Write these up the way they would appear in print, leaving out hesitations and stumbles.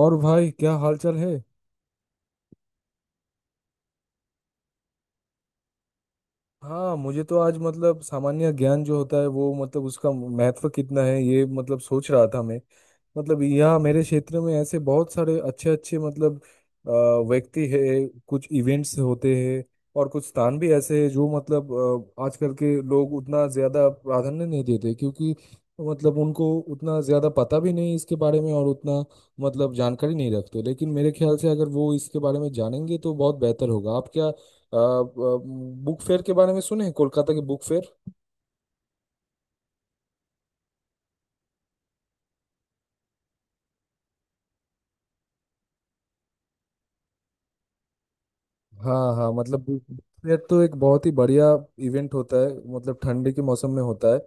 और भाई क्या हालचाल है? हाँ, मुझे तो आज मतलब सामान्य ज्ञान जो होता है वो मतलब उसका महत्व कितना है ये मतलब सोच रहा था मैं। मतलब यहाँ मेरे क्षेत्र में ऐसे बहुत सारे अच्छे अच्छे मतलब अ, व्यक्ति है। कुछ इवेंट्स होते हैं, और कुछ स्थान भी ऐसे हैं जो मतलब आजकल के लोग उतना ज्यादा प्राधान्य नहीं देते, क्योंकि मतलब उनको उतना ज्यादा पता भी नहीं इसके बारे में, और उतना मतलब जानकारी नहीं रखते। लेकिन मेरे ख्याल से अगर वो इसके बारे में जानेंगे तो बहुत बेहतर होगा। आप क्या बुक फेयर के बारे में सुने हैं? कोलकाता के बुक फेयर? हाँ हाँ, मतलब ये तो एक बहुत ही बढ़िया इवेंट होता है। मतलब ठंडी के मौसम में होता है,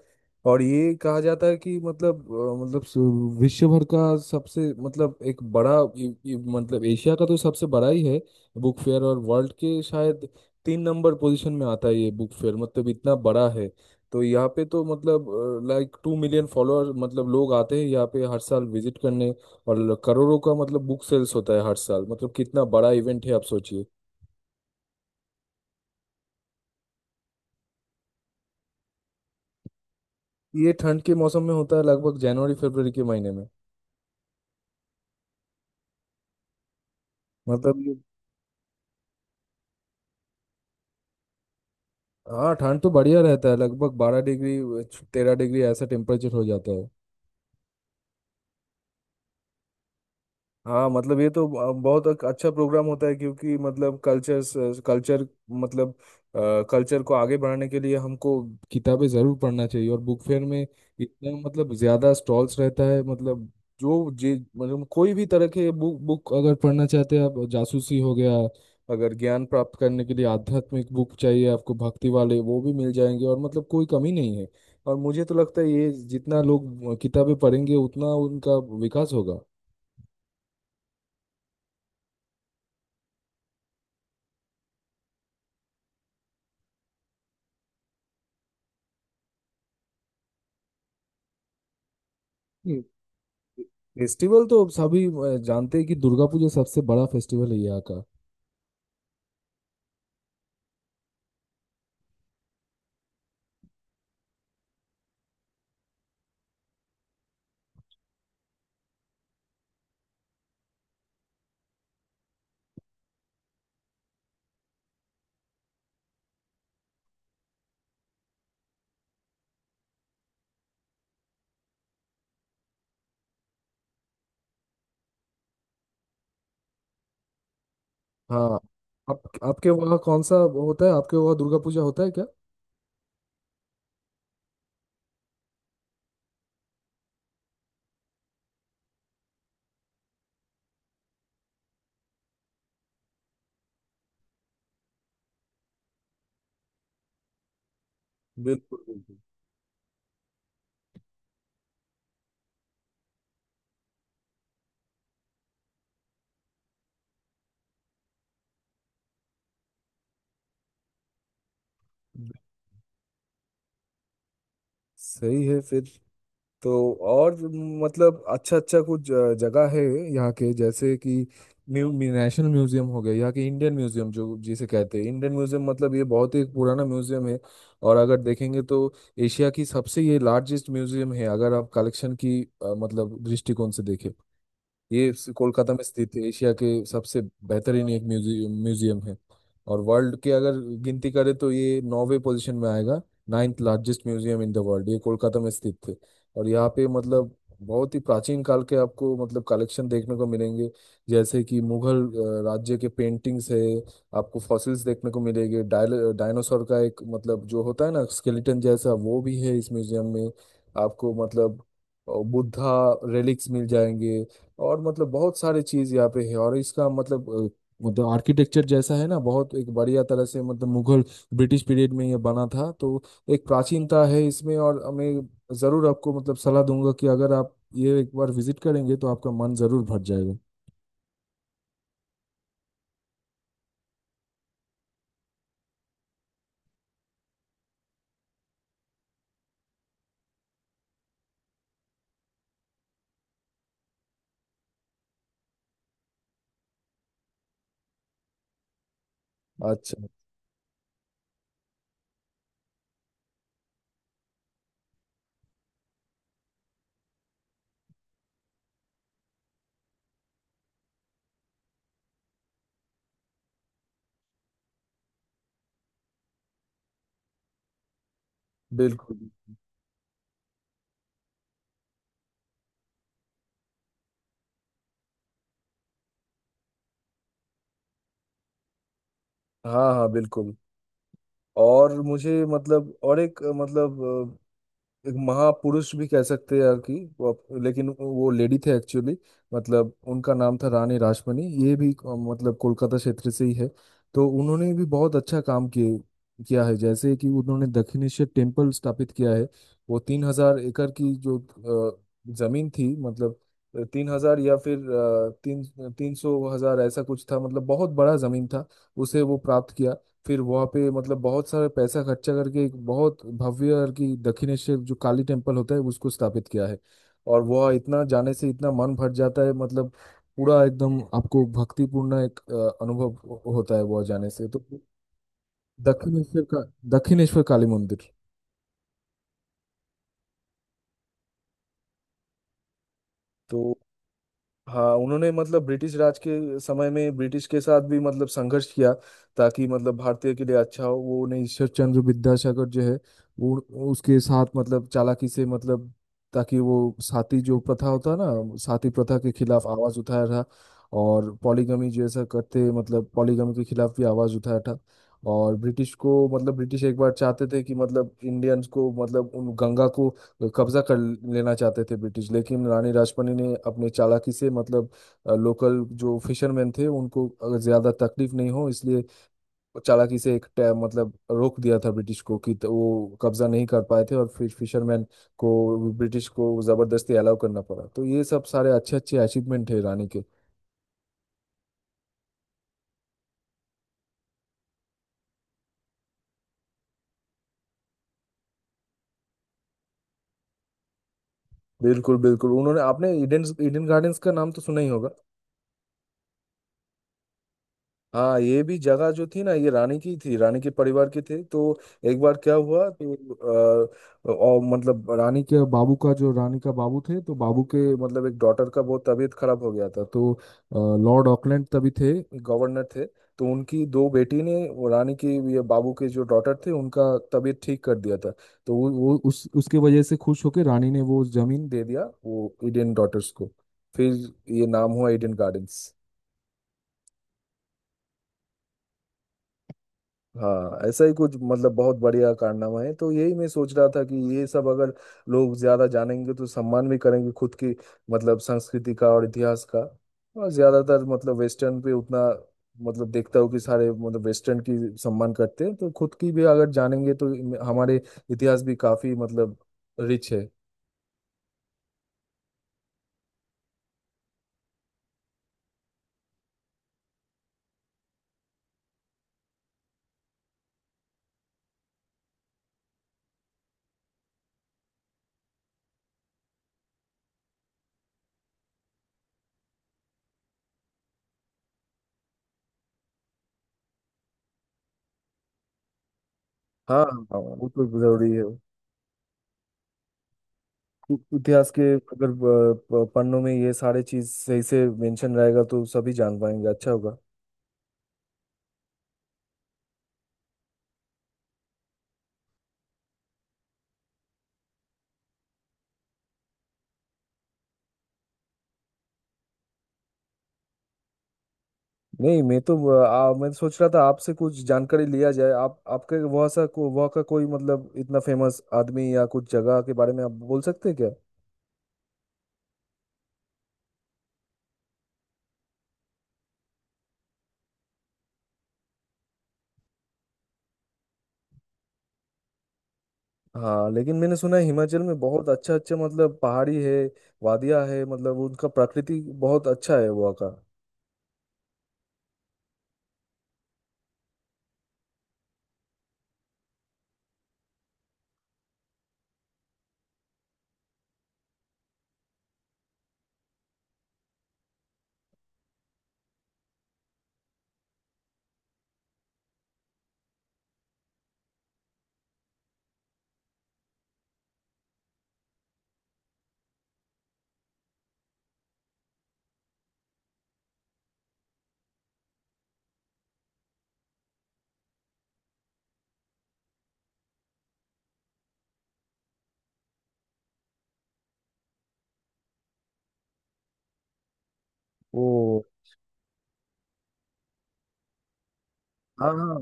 और ये कहा जाता है कि मतलब मतलब विश्व भर का सबसे मतलब एक बड़ा मतलब एशिया का तो सबसे बड़ा ही है बुक फेयर। और वर्ल्ड के शायद तीन नंबर पोजीशन में आता है ये बुक फेयर। मतलब इतना बड़ा है। तो यहाँ पे तो मतलब लाइक 2 मिलियन फॉलोअर मतलब लोग आते हैं यहाँ पे हर साल विजिट करने, और करोड़ों का मतलब बुक सेल्स होता है हर साल। मतलब कितना बड़ा इवेंट है आप सोचिए। ये ठंड के मौसम में होता है, लगभग जनवरी फरवरी के महीने में। मतलब ये हाँ, ठंड तो बढ़िया रहता है, लगभग 12 डिग्री 13 डिग्री ऐसा टेम्परेचर हो जाता है। हाँ मतलब ये तो बहुत एक अच्छा प्रोग्राम होता है, क्योंकि मतलब कल्चर कल्चर मतलब कल्चर को आगे बढ़ाने के लिए हमको किताबें जरूर पढ़ना चाहिए। और बुक फेयर में इतना मतलब ज्यादा स्टॉल्स रहता है। मतलब जो जे मतलब कोई भी तरह के बुक बुक अगर पढ़ना चाहते हैं आप, जासूसी हो गया, अगर ज्ञान प्राप्त करने के लिए आध्यात्मिक बुक चाहिए आपको, भक्ति वाले वो भी मिल जाएंगे, और मतलब कोई कमी नहीं है। और मुझे तो लगता है ये जितना लोग किताबें पढ़ेंगे उतना उनका विकास होगा। फेस्टिवल तो सभी जानते हैं कि दुर्गा पूजा सबसे बड़ा फेस्टिवल है यहाँ का। हाँ, आप आपके वहाँ कौन सा होता है? आपके वहाँ दुर्गा पूजा होता है क्या? बिल्कुल बिल्कुल। सही है। फिर तो, और मतलब अच्छा अच्छा कुछ जगह है यहाँ के, जैसे कि म्यू, म्यू- नेशनल म्यूजियम हो गया, यहाँ के इंडियन म्यूजियम जो जिसे कहते हैं इंडियन म्यूजियम। मतलब ये बहुत ही पुराना म्यूजियम है। और अगर देखेंगे तो एशिया की सबसे ये लार्जेस्ट म्यूजियम है, अगर आप कलेक्शन की मतलब दृष्टिकोण से देखें। ये कोलकाता में स्थित है, एशिया के सबसे बेहतरीन एक म्यूजियम म्यूजियम है। और वर्ल्ड के अगर गिनती करें तो ये नौवे पोजीशन में आएगा। Ninth largest museum in the world ये कोलकाता में स्थित है। और यहाँ पे मतलब बहुत ही प्राचीन काल के आपको मतलब कलेक्शन देखने को मिलेंगे, जैसे कि मुगल राज्य के पेंटिंग्स है। आपको फॉसिल्स देखने को मिलेंगे, डायल डायनासोर का एक मतलब जो होता है ना स्केलेटन जैसा वो भी है इस म्यूजियम में। आपको मतलब बुद्धा रेलिक्स मिल जाएंगे। और मतलब बहुत सारी चीज यहाँ पे है, और इसका मतलब मतलब आर्किटेक्चर जैसा है ना, बहुत एक बढ़िया तरह से। मतलब मुगल ब्रिटिश पीरियड में ये बना था, तो एक प्राचीनता है इसमें। और मैं जरूर आपको मतलब सलाह दूंगा कि अगर आप ये एक बार विजिट करेंगे तो आपका मन जरूर भर जाएगा। अच्छा, बिल्कुल, हाँ हाँ बिल्कुल। और मुझे मतलब और एक मतलब एक महापुरुष भी कह सकते हैं यार, कि वो लेकिन वो लेडी थे एक्चुअली। मतलब उनका नाम था रानी रासमणी, ये भी मतलब कोलकाता क्षेत्र से ही है। तो उन्होंने भी बहुत अच्छा काम किए किया है, जैसे कि उन्होंने दक्षिणेश्वर टेम्पल स्थापित किया है। वो 3,000 एकड़ की जो अ, जमीन थी, मतलब 3,000 या फिर तीन तीन सौ हजार ऐसा कुछ था, मतलब बहुत बड़ा जमीन था, उसे वो प्राप्त किया। फिर वहाँ पे मतलब बहुत सारे पैसा खर्चा करके एक बहुत भव्य और की दक्षिणेश्वर जो काली टेम्पल होता है उसको स्थापित किया है। और वह इतना, जाने से इतना मन भर जाता है मतलब, पूरा एकदम आपको भक्तिपूर्ण एक अनुभव होता है वह जाने से तो। दक्षिणेश्वर का, दक्षिणेश्वर काली मंदिर। तो हाँ, उन्होंने मतलब ब्रिटिश राज के समय में ब्रिटिश के साथ भी मतलब संघर्ष किया, ताकि मतलब भारतीय के लिए अच्छा हो। वो उन्हें ईश्वर चंद्र विद्यासागर जो है, वो उसके साथ मतलब चालाकी से, मतलब ताकि वो साती जो प्रथा होता है ना, साती प्रथा के खिलाफ आवाज उठाया था। और पॉलीगमी जैसा करते, मतलब पॉलीगमी के खिलाफ भी आवाज उठाया था। और ब्रिटिश को मतलब ब्रिटिश एक बार चाहते थे कि मतलब इंडियंस को मतलब उन गंगा को लोग कब्जा कर लेना चाहते थे ब्रिटिश, लेकिन रानी राजपनी ने अपने चालाकी से मतलब लोकल जो फिशरमैन थे उनको अगर ज्यादा तकलीफ नहीं हो इसलिए वो चालाकी से एक मतलब रोक दिया था ब्रिटिश को कि वो कब्जा नहीं कर पाए थे, और फिर फिशरमैन को ब्रिटिश को जबरदस्ती अलाउ करना पड़ा। तो ये सब सारे अच्छे अच्छे अचीवमेंट है रानी के। बिल्कुल बिल्कुल। उन्होंने आपने ईडन ईडन गार्डन्स का नाम तो सुना ही होगा। हाँ, ये भी जगह जो थी ना, ये रानी की थी, रानी के परिवार के थे तो, एक बार क्या हुआ तो आ, और मतलब रानी के बाबू का, जो रानी का बाबू थे तो बाबू के मतलब एक डॉटर का बहुत तबीयत खराब हो गया था तो लॉर्ड ऑकलैंड तभी थे, गवर्नर थे। तो उनकी दो बेटी ने वो रानी की ये बाबू के जो डॉटर थे उनका तबीयत ठीक कर दिया था। तो वो उस उसके वजह से खुश होकर रानी ने वो जमीन दे दिया, वो ईडन डॉटर्स को। फिर ये नाम हुआ ईडन गार्डन्स। हाँ, ऐसा ही कुछ, मतलब बहुत बढ़िया कारनामा है। तो यही मैं सोच रहा था कि ये सब अगर लोग ज्यादा जानेंगे तो सम्मान भी करेंगे खुद की मतलब संस्कृति का और इतिहास का। और ज्यादातर मतलब वेस्टर्न पे उतना मतलब देखता हूँ कि सारे मतलब वेस्टर्न की सम्मान करते हैं, तो खुद की भी अगर जानेंगे तो हमारे इतिहास भी काफी मतलब रिच है। हाँ हाँ, वो तो जरूरी है। इतिहास के अगर पन्नों में ये सारे चीज सही से मेंशन रहेगा तो सभी जान पाएंगे, अच्छा होगा। नहीं, मैं तो मैं तो सोच रहा था आपसे कुछ जानकारी लिया जाए। आप आपके वहाँ वहाँ का कोई मतलब इतना फेमस आदमी या कुछ जगह के बारे में आप बोल सकते हैं क्या? हाँ, लेकिन मैंने सुना है हिमाचल में बहुत अच्छा अच्छा मतलब पहाड़ी है, वादियाँ है, मतलब उनका प्रकृति बहुत अच्छा है वहाँ का। वो हाँ हाँ।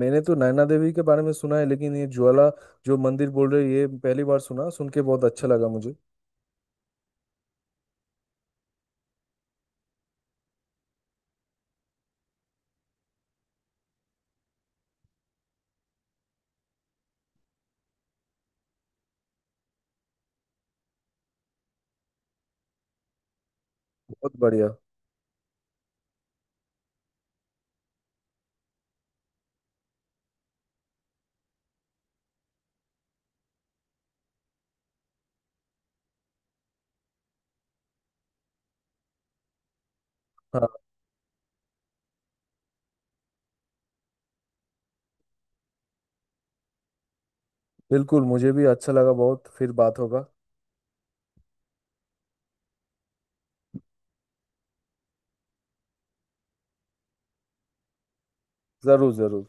मैंने तो नैना देवी के बारे में सुना है, लेकिन ये ज्वाला जो मंदिर बोल रहे हैं, ये पहली बार सुना, सुन के बहुत अच्छा लगा मुझे। बहुत बढ़िया। हाँ बिल्कुल, मुझे भी अच्छा लगा बहुत। फिर बात होगा। जरूर जरूर।